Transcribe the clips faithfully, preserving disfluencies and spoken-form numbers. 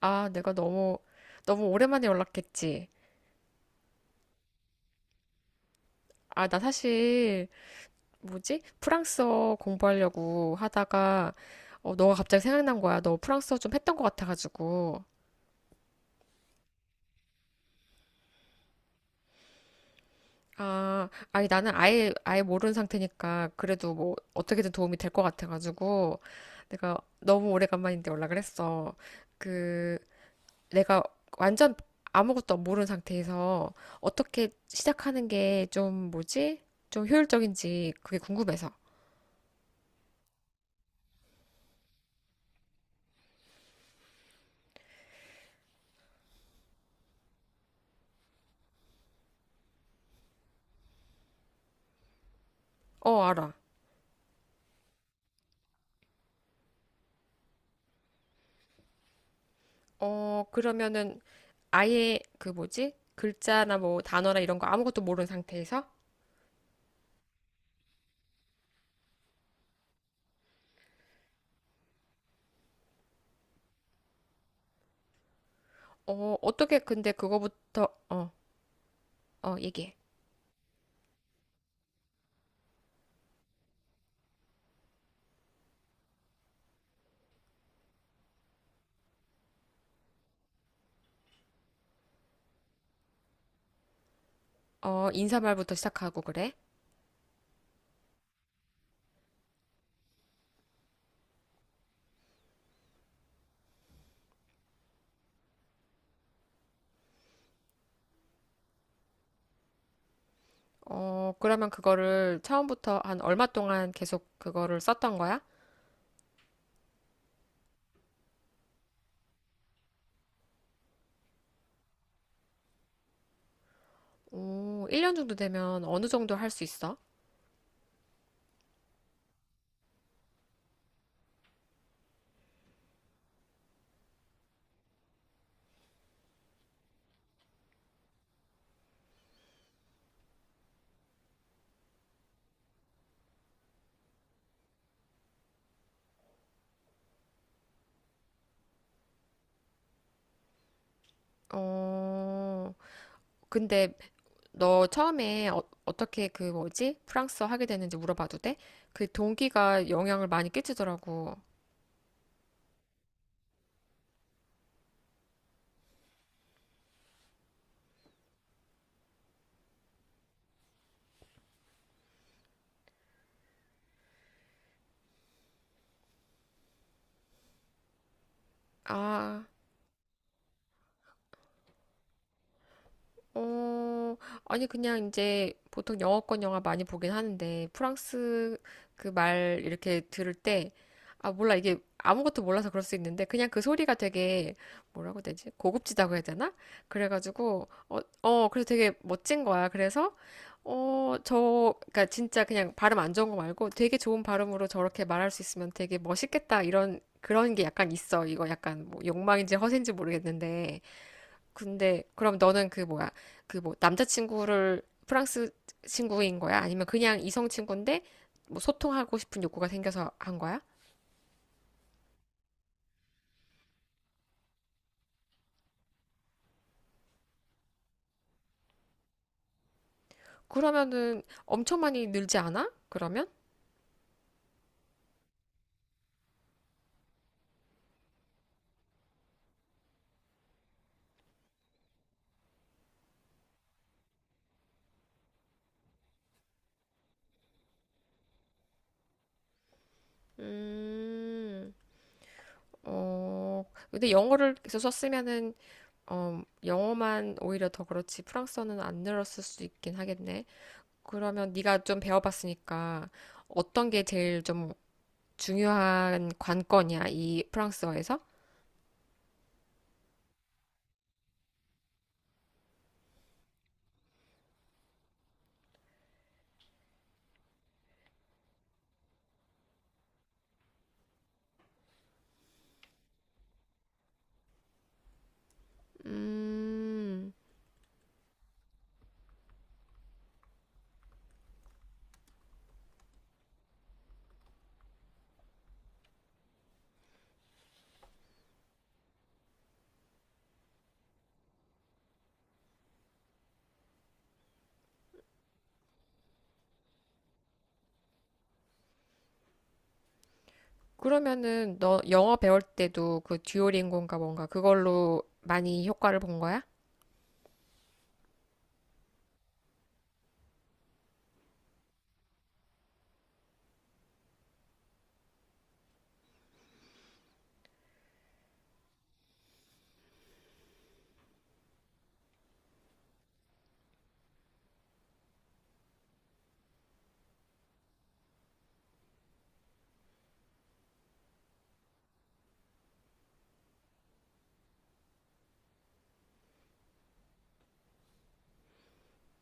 아, 내가 너무, 너무 오랜만에 연락했지. 아, 나 사실, 뭐지? 프랑스어 공부하려고 하다가, 어, 너가 갑자기 생각난 거야. 너 프랑스어 좀 했던 것 같아가지고. 아, 아니, 나는 아예, 아예 모르는 상태니까, 그래도 뭐, 어떻게든 도움이 될 것 같아가지고, 내가 너무 오래간만인데 연락을 했어. 그, 내가 완전 아무것도 모르는 상태에서, 어떻게 시작하는 게 좀, 뭐지? 좀 효율적인지, 그게 궁금해서. 어, 알아. 어, 그러면은 아예 그 뭐지? 글자나 뭐 단어나 이런 거 아무것도 모르는 상태에서 어, 어떻게 근데 그거부터 어, 어, 얘기해. 어, 인사말부터 시작하고 그래? 어, 그러면 그거를 처음부터 한 얼마 동안 계속 그거를 썼던 거야? 오, 일 년 정도 되면 어느 정도 할 수 있어? 어, 근데 너 처음에 어, 어떻게 그 뭐지? 프랑스어 하게 됐는지 물어봐도 돼? 그 동기가 영향을 많이 끼치더라고. 아, 어, 아니, 그냥 이제 보통 영어권 영화 많이 보긴 하는데, 프랑스 그 말 이렇게 들을 때, 아, 몰라. 이게 아무것도 몰라서 그럴 수 있는데, 그냥 그 소리가 되게, 뭐라고 해야 되지? 고급지다고 해야 되나? 그래가지고, 어, 어, 그래서 되게 멋진 거야. 그래서, 어, 저, 그니까 진짜 그냥 발음 안 좋은 거 말고 되게 좋은 발음으로 저렇게 말할 수 있으면 되게 멋있겠다. 이런, 그런 게 약간 있어. 이거 약간 뭐 욕망인지 허세인지 모르겠는데. 근데 그럼 너는 그 뭐야? 그 뭐 남자친구를 프랑스 친구인 거야? 아니면 그냥 이성 친구인데 뭐 소통하고 싶은 욕구가 생겨서 한 거야? 그러면은 엄청 많이 늘지 않아? 그러면? 음. 어, 근데 영어를 계속 썼으면은 어, 영어만 오히려 더 그렇지 프랑스어는 안 늘었을 수 있긴 하겠네. 그러면 네가 좀 배워봤으니까 어떤 게 제일 좀 중요한 관건이야, 이 프랑스어에서? 음, 그러면은 너 영어 배울 때도 그 듀오링고인가 뭔가 그걸로 많이 효과를 본 거야?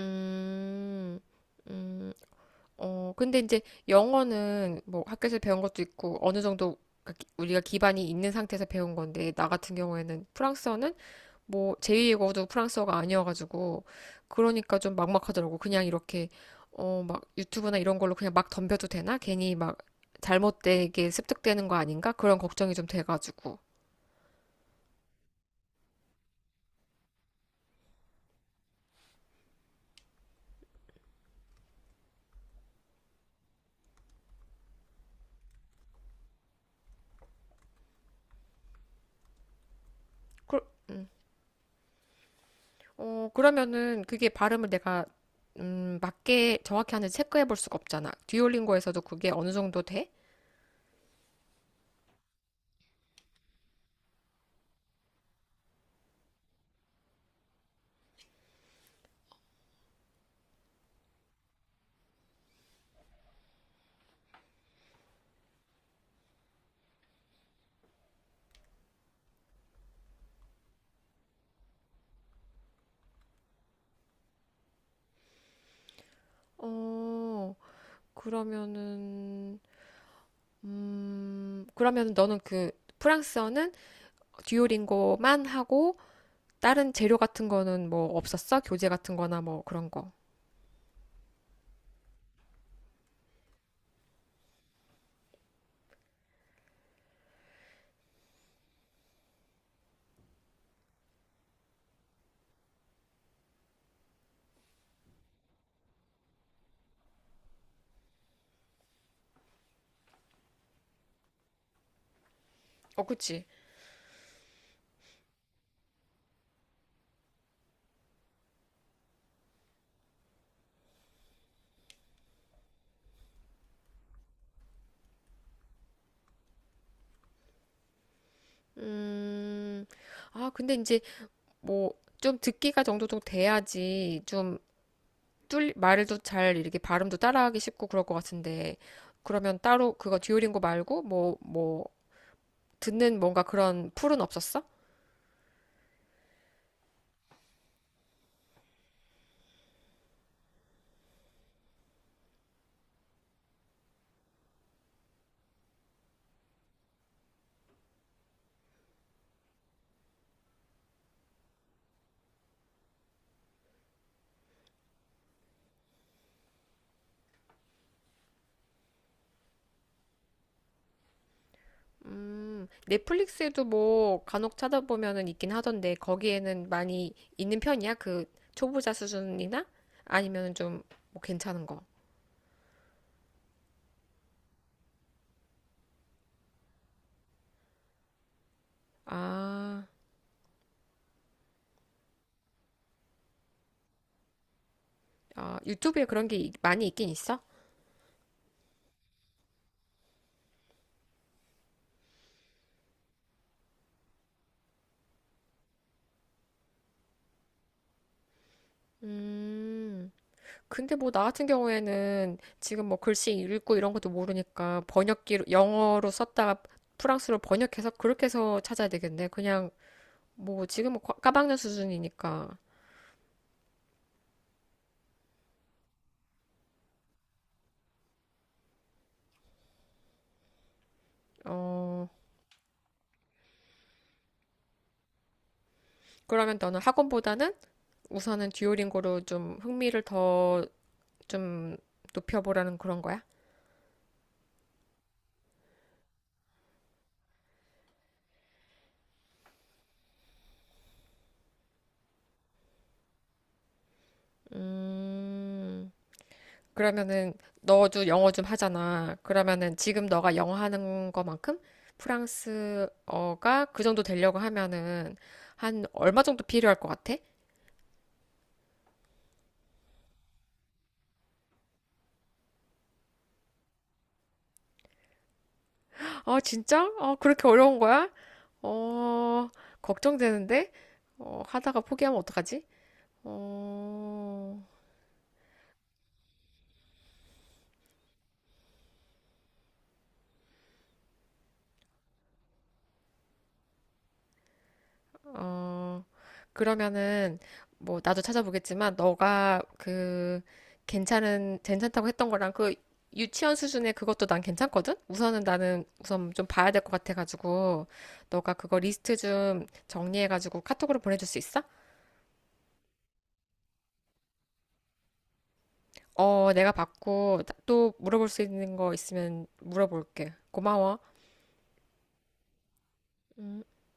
음, 음, 어, 근데 이제 영어는 뭐 학교에서 배운 것도 있고 어느 정도 우리가 기반이 있는 상태에서 배운 건데 나 같은 경우에는 프랑스어는 뭐 제이외국어도 프랑스어가 아니어가지고 그러니까 좀 막막하더라고. 그냥 이렇게 어 막 유튜브나 이런 걸로 그냥 막 덤벼도 되나? 괜히 막 잘못되게 습득되는 거 아닌가? 그런 걱정이 좀 돼가지고. 그, 어 그러면은 그게 발음을 내가 음 맞게 정확히 하는지 체크해 볼 수가 없잖아. 듀오링고에서도 그게 어느 정도 돼? 어 그러면은 음 그러면은 너는 그 프랑스어는 듀오링고만 하고 다른 재료 같은 거는 뭐 없었어? 교재 같은 거나 뭐 그런 거. 어, 그치. 음, 아, 근데 이제 뭐 좀 듣기가 정도 좀 돼야지 좀 뚫, 말도 잘 이렇게 발음도 따라하기 쉽고 그럴 것 같은데. 그러면 따로 그거 듀오링고 말고 뭐, 뭐, 듣는 뭔가 그런 풀은 없었어? 음, 넷플릭스에도 뭐 간혹 찾아보면은 있긴 하던데 거기에는 많이 있는 편이야? 그 초보자 수준이나 아니면은 좀뭐 괜찮은 거. 아. 아, 유튜브에 그런 게 있- 많이 있긴 있어? 음, 근데 뭐 나 같은 경우에는 지금 뭐 글씨 읽고 이런 것도 모르니까 번역기로, 영어로 썼다가 프랑스로 번역해서 그렇게 해서 찾아야 되겠네. 그냥 뭐 지금 뭐 과- 까막눈 수준이니까. 어, 그러면 너는 학원보다는 우선은 듀오링고로 좀 흥미를 더 좀 높여보라는 그런 거야? 음, 그러면은 너도 영어 좀 하잖아. 그러면은 지금 너가 영어 하는 거만큼 프랑스어가 그 정도 되려고 하면은 한 얼마 정도 필요할 것 같아? 아, 진짜? 어, 그렇게 어려운 거야? 어, 걱정되는데? 어, 하다가 포기하면 어떡하지? 어, 어, 그러면은, 뭐, 나도 찾아보겠지만, 너가 그, 괜찮은, 괜찮다고 했던 거랑 그, 유치원 수준의 그것도 난 괜찮거든? 우선은 나는 우선 좀 봐야 될 것 같아가지고, 너가 그거 리스트 좀 정리해가지고 카톡으로 보내줄 수 있어? 어, 내가 받고 또 물어볼 수 있는 거 있으면 물어볼게. 고마워.